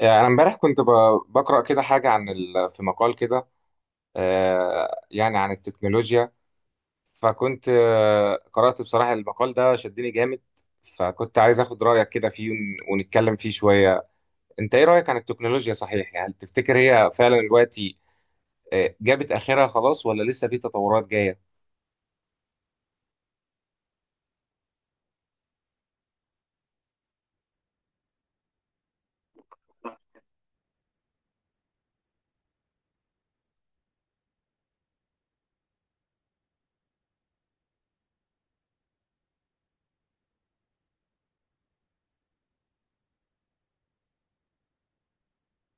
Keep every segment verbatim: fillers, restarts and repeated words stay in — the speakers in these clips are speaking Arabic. آه، انا امبارح كنت ب- بقرا كده حاجه عن ال... في مقال كده. آه، يعني عن التكنولوجيا. فكنت آه، قرات بصراحه المقال ده شدني جامد. فكنت عايز اخد رايك كده فيه ون... ونتكلم فيه شويه. انت ايه رايك عن التكنولوجيا، صحيح يعني تفتكر هي فعلا دلوقتي آه، جابت اخرها خلاص ولا لسه في تطورات جايه؟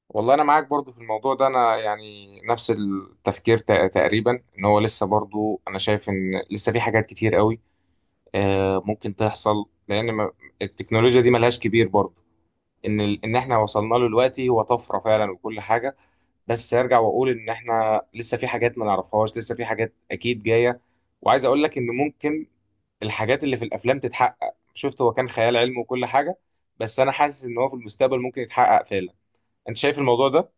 والله انا معاك برضو في الموضوع ده، انا يعني نفس التفكير تق- تقريبا ان هو لسه، برضو انا شايف ان لسه في حاجات كتير قوي آه، ممكن تحصل، لان ما- التكنولوجيا دي ملهاش كبير برضه. ان ال- ان احنا وصلنا له دلوقتي هو طفره فعلا وكل حاجه، بس ارجع واقول ان احنا لسه في حاجات ما نعرفهاش، لسه في حاجات اكيد جايه. وعايز اقول لك ان ممكن الحاجات اللي في الافلام تتحقق، شفت هو كان خيال علمي وكل حاجه، بس انا حاسس ان هو في المستقبل ممكن يتحقق فعلا. انت شايف الموضوع ده؟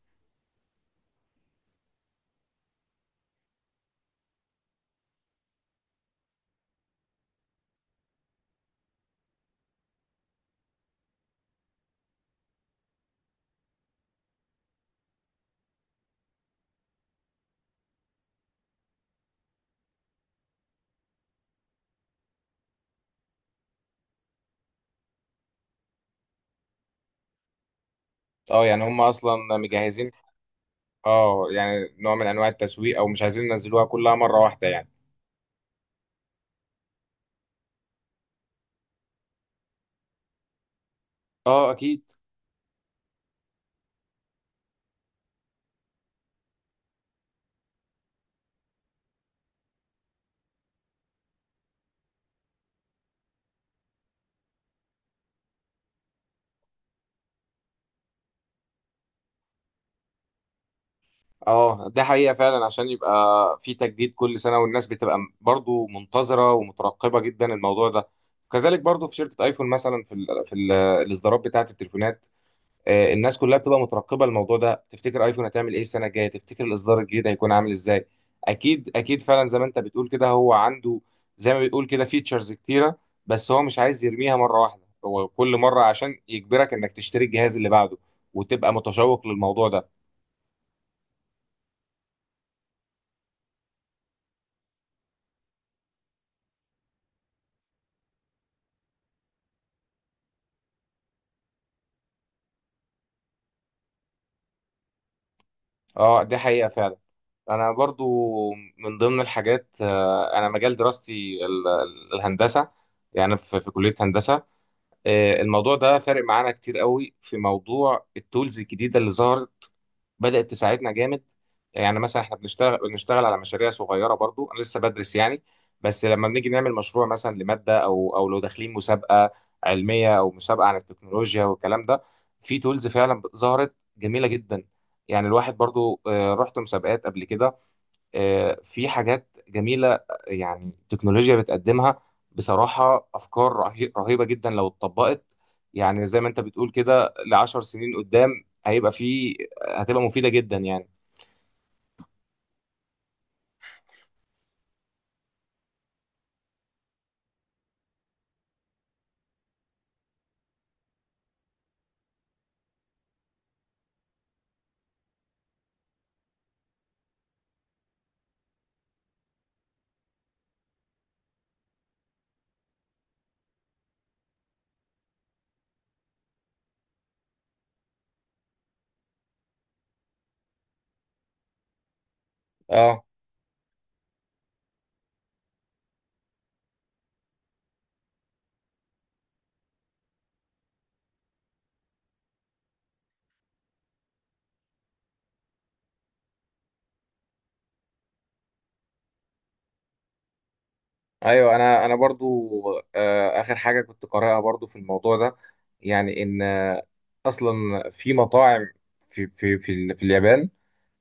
اه يعني هم اصلا مجهزين. اه يعني نوع من انواع التسويق، او مش عايزين ينزلوها كلها مره واحده يعني. اه اكيد. اه ده حقيقة فعلا، عشان يبقى في تجديد كل سنة والناس بتبقى م- برضو منتظرة ومترقبة جدا الموضوع ده. كذلك برضو في شركة ايفون مثلا، في ال في ال الاصدارات بتاعة التليفونات. آه، الناس كلها بتبقى مترقبة الموضوع ده، تفتكر ايفون هتعمل ايه السنة الجاية، تفتكر الاصدار الجديد هيكون عامل ازاي؟ اكيد اكيد فعلا زي ما انت بتقول كده، هو عنده زي ما بتقول كده فيتشرز كتيرة، بس هو مش عايز يرميها مرة واحدة، هو كل مرة عشان يجبرك انك تشتري الجهاز اللي بعده وتبقى متشوق للموضوع ده. اه دي حقيقة فعلا. انا برضو من ضمن الحاجات، آه، انا مجال دراستي ال- ال- الهندسه، يعني في في كليه هندسه. آه، الموضوع ده فارق معانا كتير قوي في موضوع التولز الجديده اللي ظهرت، بدات تساعدنا جامد. يعني مثلا احنا بنشتغل بنشتغل على مشاريع صغيره، برضو انا لسه بدرس يعني، بس لما بنيجي نعمل مشروع مثلا لماده او او لو داخلين مسابقه علميه او مسابقه عن التكنولوجيا والكلام ده، في تولز فعلا ظهرت جميله جدا. يعني الواحد برضو، آه، رحت مسابقات قبل كده، آه، في حاجات جميلة يعني التكنولوجيا بتقدمها. بصراحة أفكار رهي- رهيبة جدا لو اتطبقت، يعني زي ما أنت بتقول كده لعشر سنين قدام هيبقى في، هتبقى مفيدة جدا يعني. اه ايوه، انا انا برضو آه، اخر حاجه كنت قارئها برضو في الموضوع ده، يعني ان اصلا في مطاعم في في في, ال- في اليابان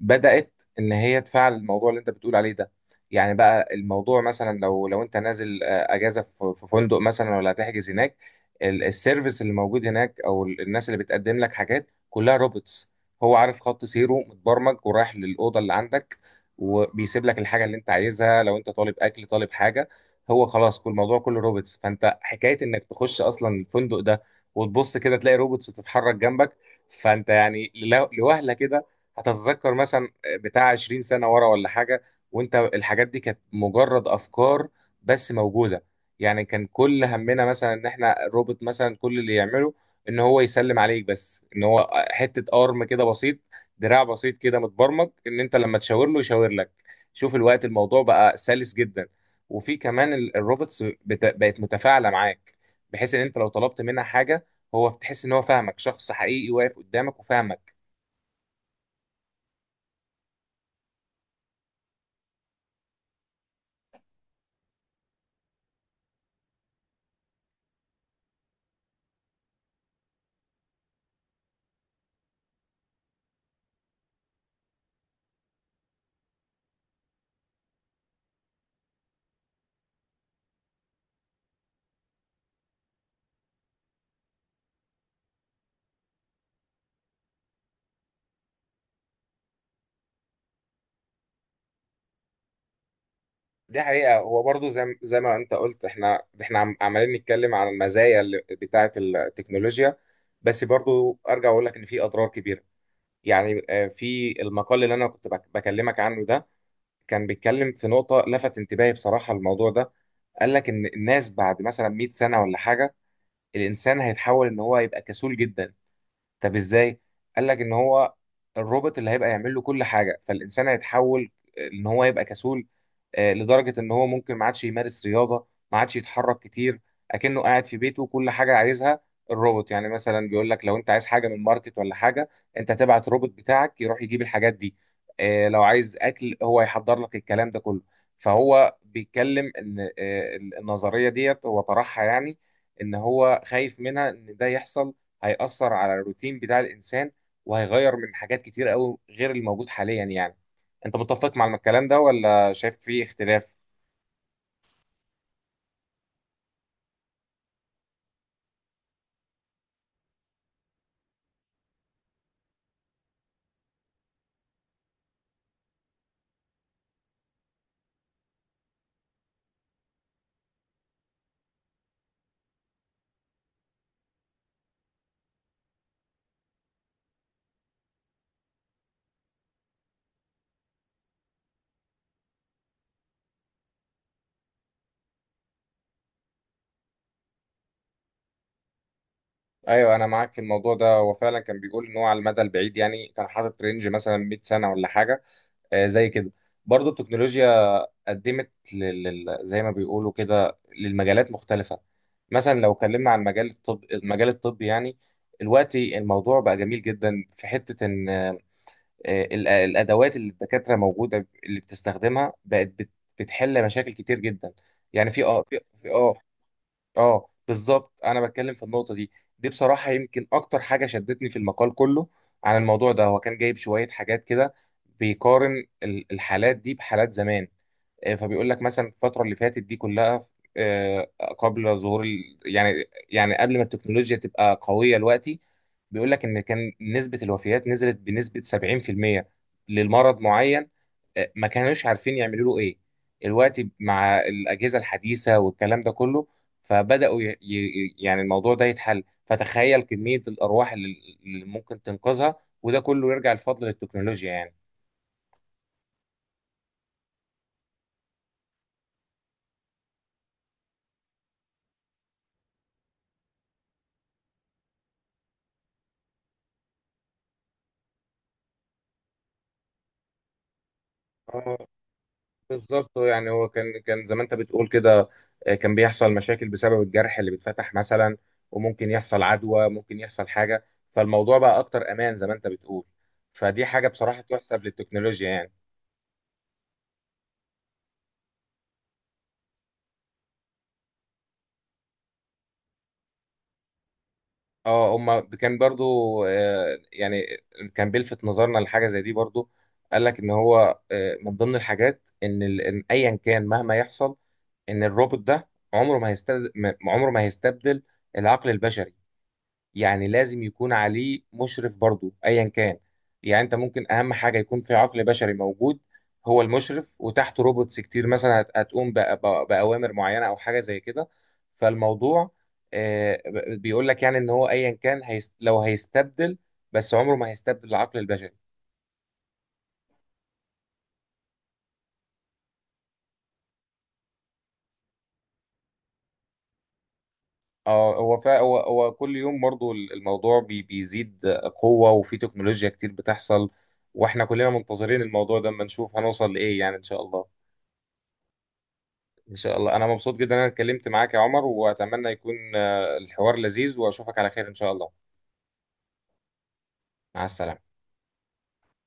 بدأت ان هي تفعل الموضوع اللي انت بتقول عليه ده. يعني بقى الموضوع مثلا لو لو انت نازل آه، اجازه في في فندق مثلا ولا هتحجز هناك، ال- السيرفيس اللي موجود هناك او ال- الناس اللي بتقدم لك حاجات كلها روبوتس. هو عارف خط سيره متبرمج ورايح للاوضه اللي عندك، وبيسيب لك الحاجه اللي انت عايزها لو انت طالب اكل طالب حاجه. هو خلاص كل الموضوع كله روبوتس، فانت حكايه انك تخش اصلا الفندق ده وتبص كده تلاقي روبوتس بتتحرك جنبك، فانت يعني لو- لوهله كده هتتذكر مثلا بتاع عشرين سنه ورا ولا حاجه، وانت الحاجات دي كانت مجرد افكار بس موجوده. يعني كان كل همنا مثلا ان احنا الروبوت مثلا كل اللي يعمله ان هو يسلم عليك بس، ان هو حته ارم كده بسيط، دراع بسيط كده متبرمج ان انت لما تشاور له يشاور لك. شوف الوقت الموضوع بقى سلس جدا، وفي كمان ال- الروبوتس بت- بقت متفاعله معاك، بحيث ان انت لو طلبت منها حاجه هو تحس ان هو فاهمك، شخص حقيقي واقف قدامك وفاهمك. دي حقيقة، هو برضو زي زي ما انت قلت، احنا احنا عم- عمالين نتكلم عن المزايا اللي- بتاعة التكنولوجيا، بس برضو ارجع اقول لك ان في اضرار كبيرة. يعني آه، في المقال اللي انا كنت بك- بكلمك عنه ده كان بيتكلم في نقطة لفت انتباهي بصراحة الموضوع ده. قال لك ان الناس بعد مثلا مئة سنة ولا حاجة الانسان هيتحول ان هو يبقى كسول جدا. طب ازاي؟ قال لك ان هو الروبوت اللي هيبقى يعمل له كل حاجه، فالانسان هيتحول ان هو يبقى كسول. آه، لدرجة إن هو ممكن ما عادش يمارس رياضة، ما عادش يتحرك كتير، أكنه قاعد في بيته كل حاجة عايزها الروبوت. يعني مثلا بيقول لك لو أنت عايز حاجة من ماركت ولا حاجة، أنت تبعت روبوت بتاعك يروح يجيب الحاجات دي. آه، لو عايز أكل هو يحضر لك الكلام ده كله. فهو بيتكلم إن آه، النظرية ديت هو طرحها يعني، إن هو خايف منها إن ده يحصل، هيأثر على الروتين بتاع الإنسان وهيغير من حاجات كتير قوي غير الموجود حاليا يعني. أنت متفق مع الكلام ده ولا شايف في اختلاف؟ ايوه انا معاك في الموضوع ده، هو فعلا كان بيقول ان هو على المدى البعيد، يعني كان حاطط رينج مثلا مئة سنه ولا حاجه آه، زي كده. برضو التكنولوجيا قدمت لل... لل- زي ما بيقولوا كده للمجالات مختلفه، مثلا لو اتكلمنا عن مجال الطب المجال الطبي يعني. دلوقتي الموضوع بقى جميل جدا في حته ان آه، ال- الادوات اللي الدكاتره موجوده اللي بتستخدمها بقت بت... بتحل مشاكل كتير جدا. يعني في اه في في- اه. اه بالظبط، انا بتكلم في النقطه دي، دي بصراحه يمكن اكتر حاجه شدتني في المقال كله. عن الموضوع ده هو كان جايب شويه حاجات كده بيقارن ال- الحالات دي بحالات زمان. آه، فبيقول لك مثلا الفتره اللي فاتت دي كلها، آه، قبل ظهور ال... يعني يعني قبل ما التكنولوجيا تبقى قويه دلوقتي، بيقول لك ان كان نسبه الوفيات نزلت بنسبه سبعين في المية للمرض معين آه، ما كانوش عارفين يعملوا له ايه الوقت، مع الاجهزه الحديثه والكلام ده كله فبداوا ي... ي... يعني الموضوع ده يتحل، فتخيل كميه الارواح اللي, اللي ممكن تنقذها، وده كله يرجع الفضل للتكنولوجيا يعني. اه بالظبط، يعني هو كان كان زي ما انت بتقول كده آه، كان بيحصل مشاكل بسبب الجرح اللي بيتفتح مثلا، وممكن يحصل عدوى، ممكن يحصل حاجه. فالموضوع بقى اكتر امان زي ما انت بتقول، فدي حاجه بصراحه تحسب للتكنولوجيا يعني. اه هما كان برضو آه، يعني كان بيلفت نظرنا لحاجه زي دي برضو. قال لك ان هو آه، من ضمن الحاجات ان ال- إن ايا كان مهما يحصل، ان الروبوت ده عمره ما هيستبدل، عمره ما هيستبدل العقل البشري. يعني لازم يكون عليه مشرف برضو ايا كان، يعني انت ممكن اهم حاجه يكون في عقل بشري موجود هو المشرف، وتحته روبوتس كتير مثلا هت- هتقوم بأ- بأ- باوامر معينه او حاجه زي كده. فالموضوع آه، ب- بيقول لك يعني ان هو ايا كان هيست لو هيستبدل، بس عمره ما هيستبدل العقل البشري. اه هو فا هو هو كل يوم برضو الموضوع بي بيزيد قوه، وفي تكنولوجيا كتير بتحصل، واحنا كلنا منتظرين الموضوع ده اما نشوف هنوصل لايه يعني، ان شاء الله. ان شاء الله، انا مبسوط جدا ان انا اتكلمت معاك يا عمر، واتمنى يكون آه، الحوار لذيذ، واشوفك على خير ان شاء الله. مع السلامة.